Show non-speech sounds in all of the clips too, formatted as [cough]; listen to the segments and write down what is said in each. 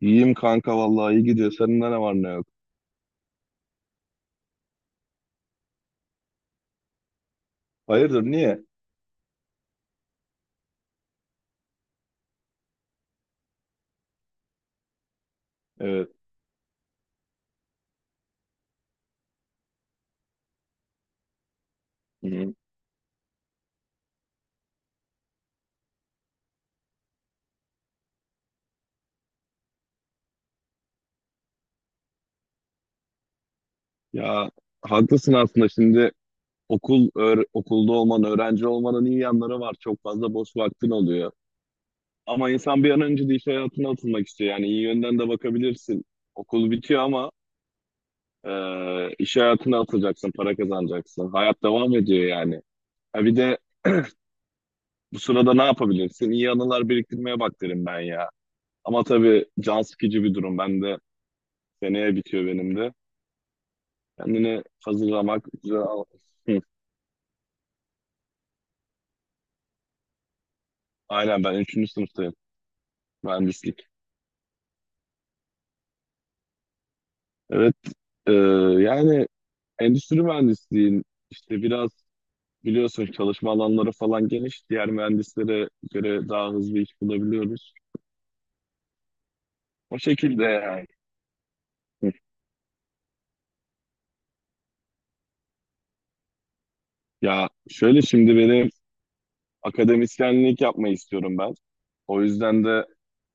İyiyim kanka vallahi iyi gidiyor. Senin ne var ne yok. Hayırdır niye? Evet. Hı. Ya haklısın aslında şimdi okulda olman, öğrenci olmanın iyi yanları var. Çok fazla boş vaktin oluyor. Ama insan bir an önce de iş hayatına atılmak istiyor. Yani iyi yönden de bakabilirsin. Okul bitiyor ama iş hayatına atılacaksın, para kazanacaksın. Hayat devam ediyor yani. Ha bir de bu sırada ne yapabilirsin? İyi anılar biriktirmeye bak derim ben ya. Ama tabii can sıkıcı bir durum. Ben de seneye bitiyor benim de. Kendini hazırlamak. Hı. Aynen ben üçüncü sınıftayım. Mühendislik. Evet. e, Yani endüstri mühendisliğin işte biraz biliyorsun çalışma alanları falan geniş. Diğer mühendislere göre daha hızlı iş bulabiliyoruz. O şekilde yani. Hı. Ya şöyle şimdi benim akademisyenlik yapmayı istiyorum ben. O yüzden de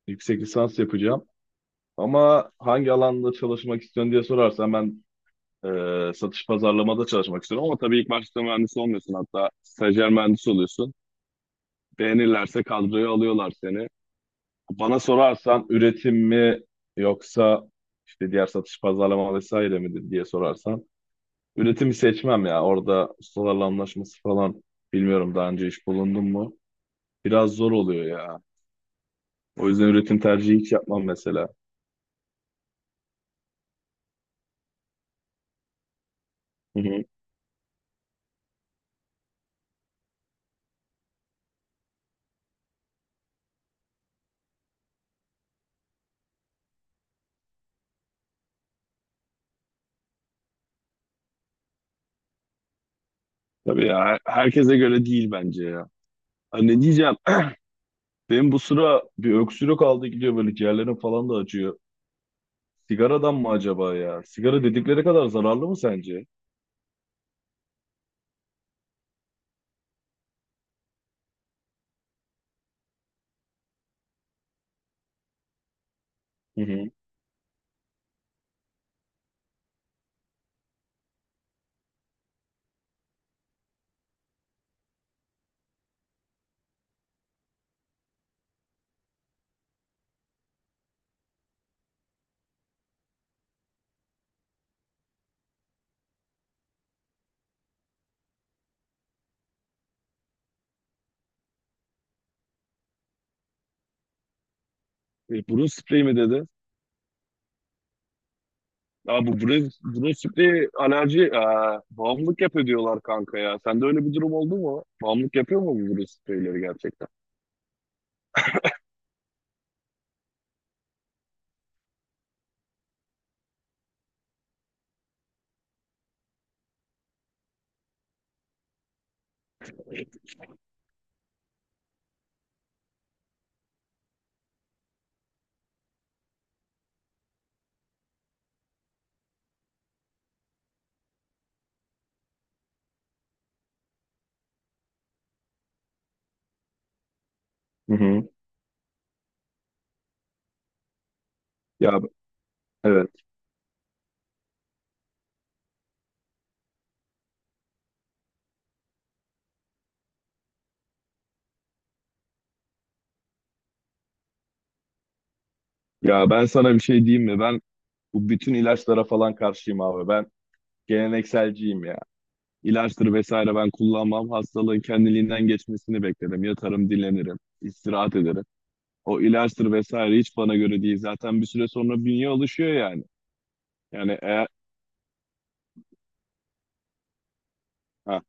yüksek lisans yapacağım. Ama hangi alanda çalışmak istiyorsun diye sorarsan ben satış pazarlamada çalışmak istiyorum ama tabii ilk başta mühendis olmuyorsun hatta stajyer mühendis oluyorsun. Beğenirlerse kadroya alıyorlar seni. Bana sorarsan üretim mi yoksa işte diğer satış pazarlama vesaire mi diye sorarsan üretimi seçmem ya. Orada ustalarla anlaşması falan bilmiyorum daha önce iş bulundum mu? Biraz zor oluyor ya. O yüzden üretim tercihi hiç yapmam mesela. Hı hı. Tabii ya herkese göre değil bence ya. Hani ne diyeceğim? Benim bu sıra bir öksürük aldı gidiyor böyle ciğerlerim falan da acıyor. Sigaradan mı acaba ya? Sigara dedikleri kadar zararlı mı sence? Hı hı. Burun spreyi mi dedi? Ya bu burun spreyi alerji, bağımlılık yapıyor diyorlar kanka ya. Sende öyle bir durum oldu mu? Bağımlılık yapıyor mu bu burun spreyleri gerçekten? Hı hı. Ya evet. Ya ben sana bir şey diyeyim mi? Ben bu bütün ilaçlara falan karşıyım abi. Ben gelenekselciyim ya. İlaçtır vesaire ben kullanmam. Hastalığın kendiliğinden geçmesini beklerim. Yatarım, dinlenirim, istirahat ederim. O ilaçtır vesaire hiç bana göre değil. Zaten bir süre sonra bünye alışıyor yani. Yani eğer... Ha,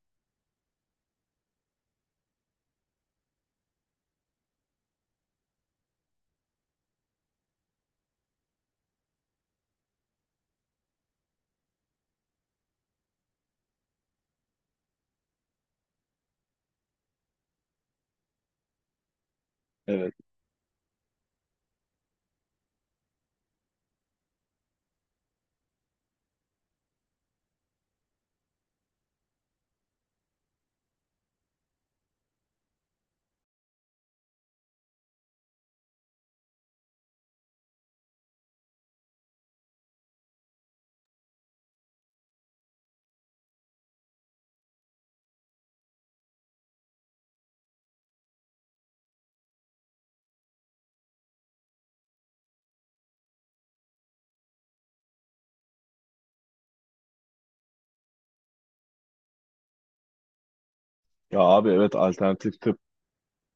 evet. Ya abi evet alternatif tıp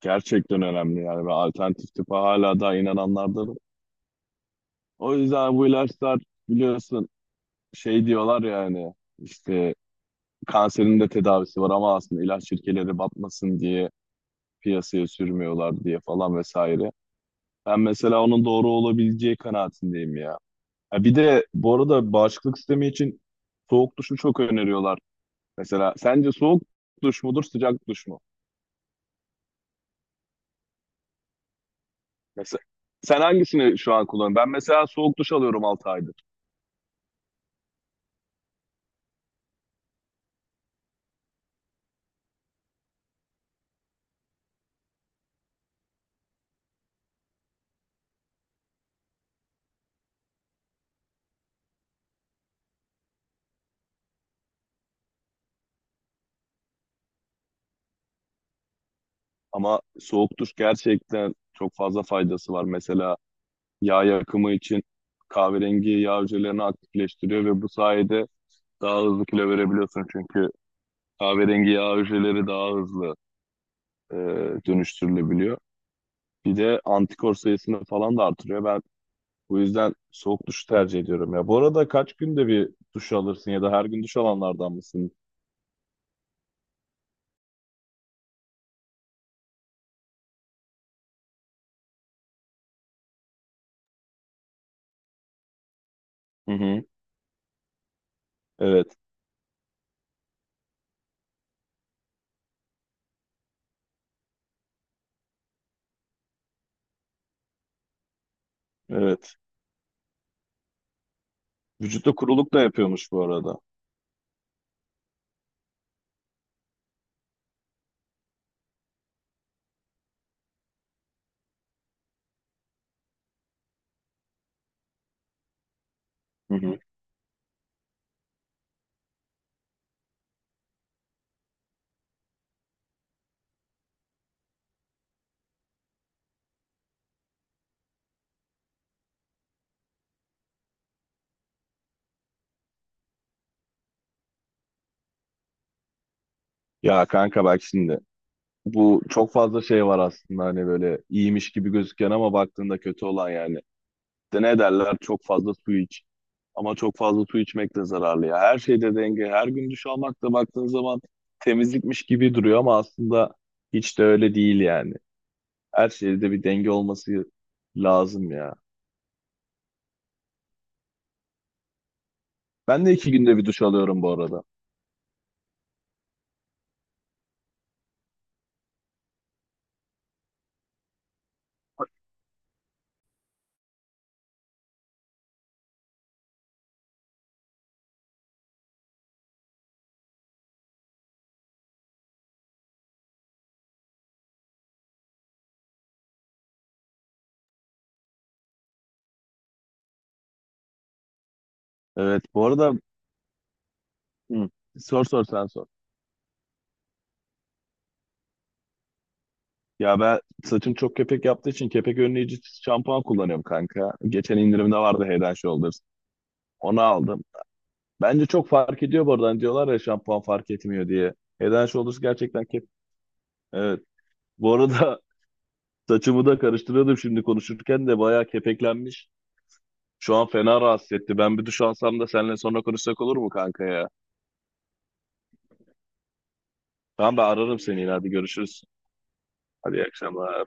gerçekten önemli yani. Ve alternatif tıpa hala daha inananlardanım. O yüzden bu ilaçlar biliyorsun şey diyorlar yani işte kanserin de tedavisi var ama aslında ilaç şirketleri batmasın diye piyasaya sürmüyorlar diye falan vesaire. Ben mesela onun doğru olabileceği kanaatindeyim ya. Ha bir de bu arada bağışıklık sistemi için soğuk duşu çok öneriyorlar. Mesela sence soğuk duş mudur, sıcak duş mu? Mesela sen hangisini şu an kullanıyorsun? Ben mesela soğuk duş alıyorum 6 aydır. Ama soğuk duş gerçekten çok fazla faydası var. Mesela yağ yakımı için kahverengi yağ hücrelerini aktifleştiriyor ve bu sayede daha hızlı kilo verebiliyorsun çünkü kahverengi yağ hücreleri daha hızlı e, dönüştürülebiliyor. Bir de antikor sayısını falan da artırıyor. Ben bu yüzden soğuk duş tercih ediyorum ya. Bu arada kaç günde bir duş alırsın ya da her gün duş alanlardan mısın? Hı hı. Evet, evet. Vücutta kuruluk da yapıyormuş bu arada. Hı hı. Ya kanka bak şimdi. Bu çok fazla şey var aslında hani böyle iyiymiş gibi gözüken ama baktığında kötü olan yani. De ne derler çok fazla su iç. Ama çok fazla su içmek de zararlı ya. Her şeyde denge. Her gün duş almak da baktığın zaman temizlikmiş gibi duruyor ama aslında hiç de öyle değil yani. Her şeyde bir denge olması lazım ya. Ben de 2 günde bir duş alıyorum bu arada. Evet bu arada hı, sor sor sen sor. Ya ben saçım çok kepek yaptığı için kepek önleyici şampuan kullanıyorum kanka. Geçen indirimde vardı Head and Shoulders. Onu aldım. Bence çok fark ediyor bu arada. Hani diyorlar ya şampuan fark etmiyor diye. Head and Shoulders gerçekten kep... Evet. Bu arada [laughs] saçımı da karıştırıyordum şimdi konuşurken de bayağı kepeklenmiş. Şu an fena rahatsız etti. Ben bir duş alsam da seninle sonra konuşsak olur mu kanka ya? Tamam ben ararım seni yine hadi görüşürüz. Hadi iyi akşamlar.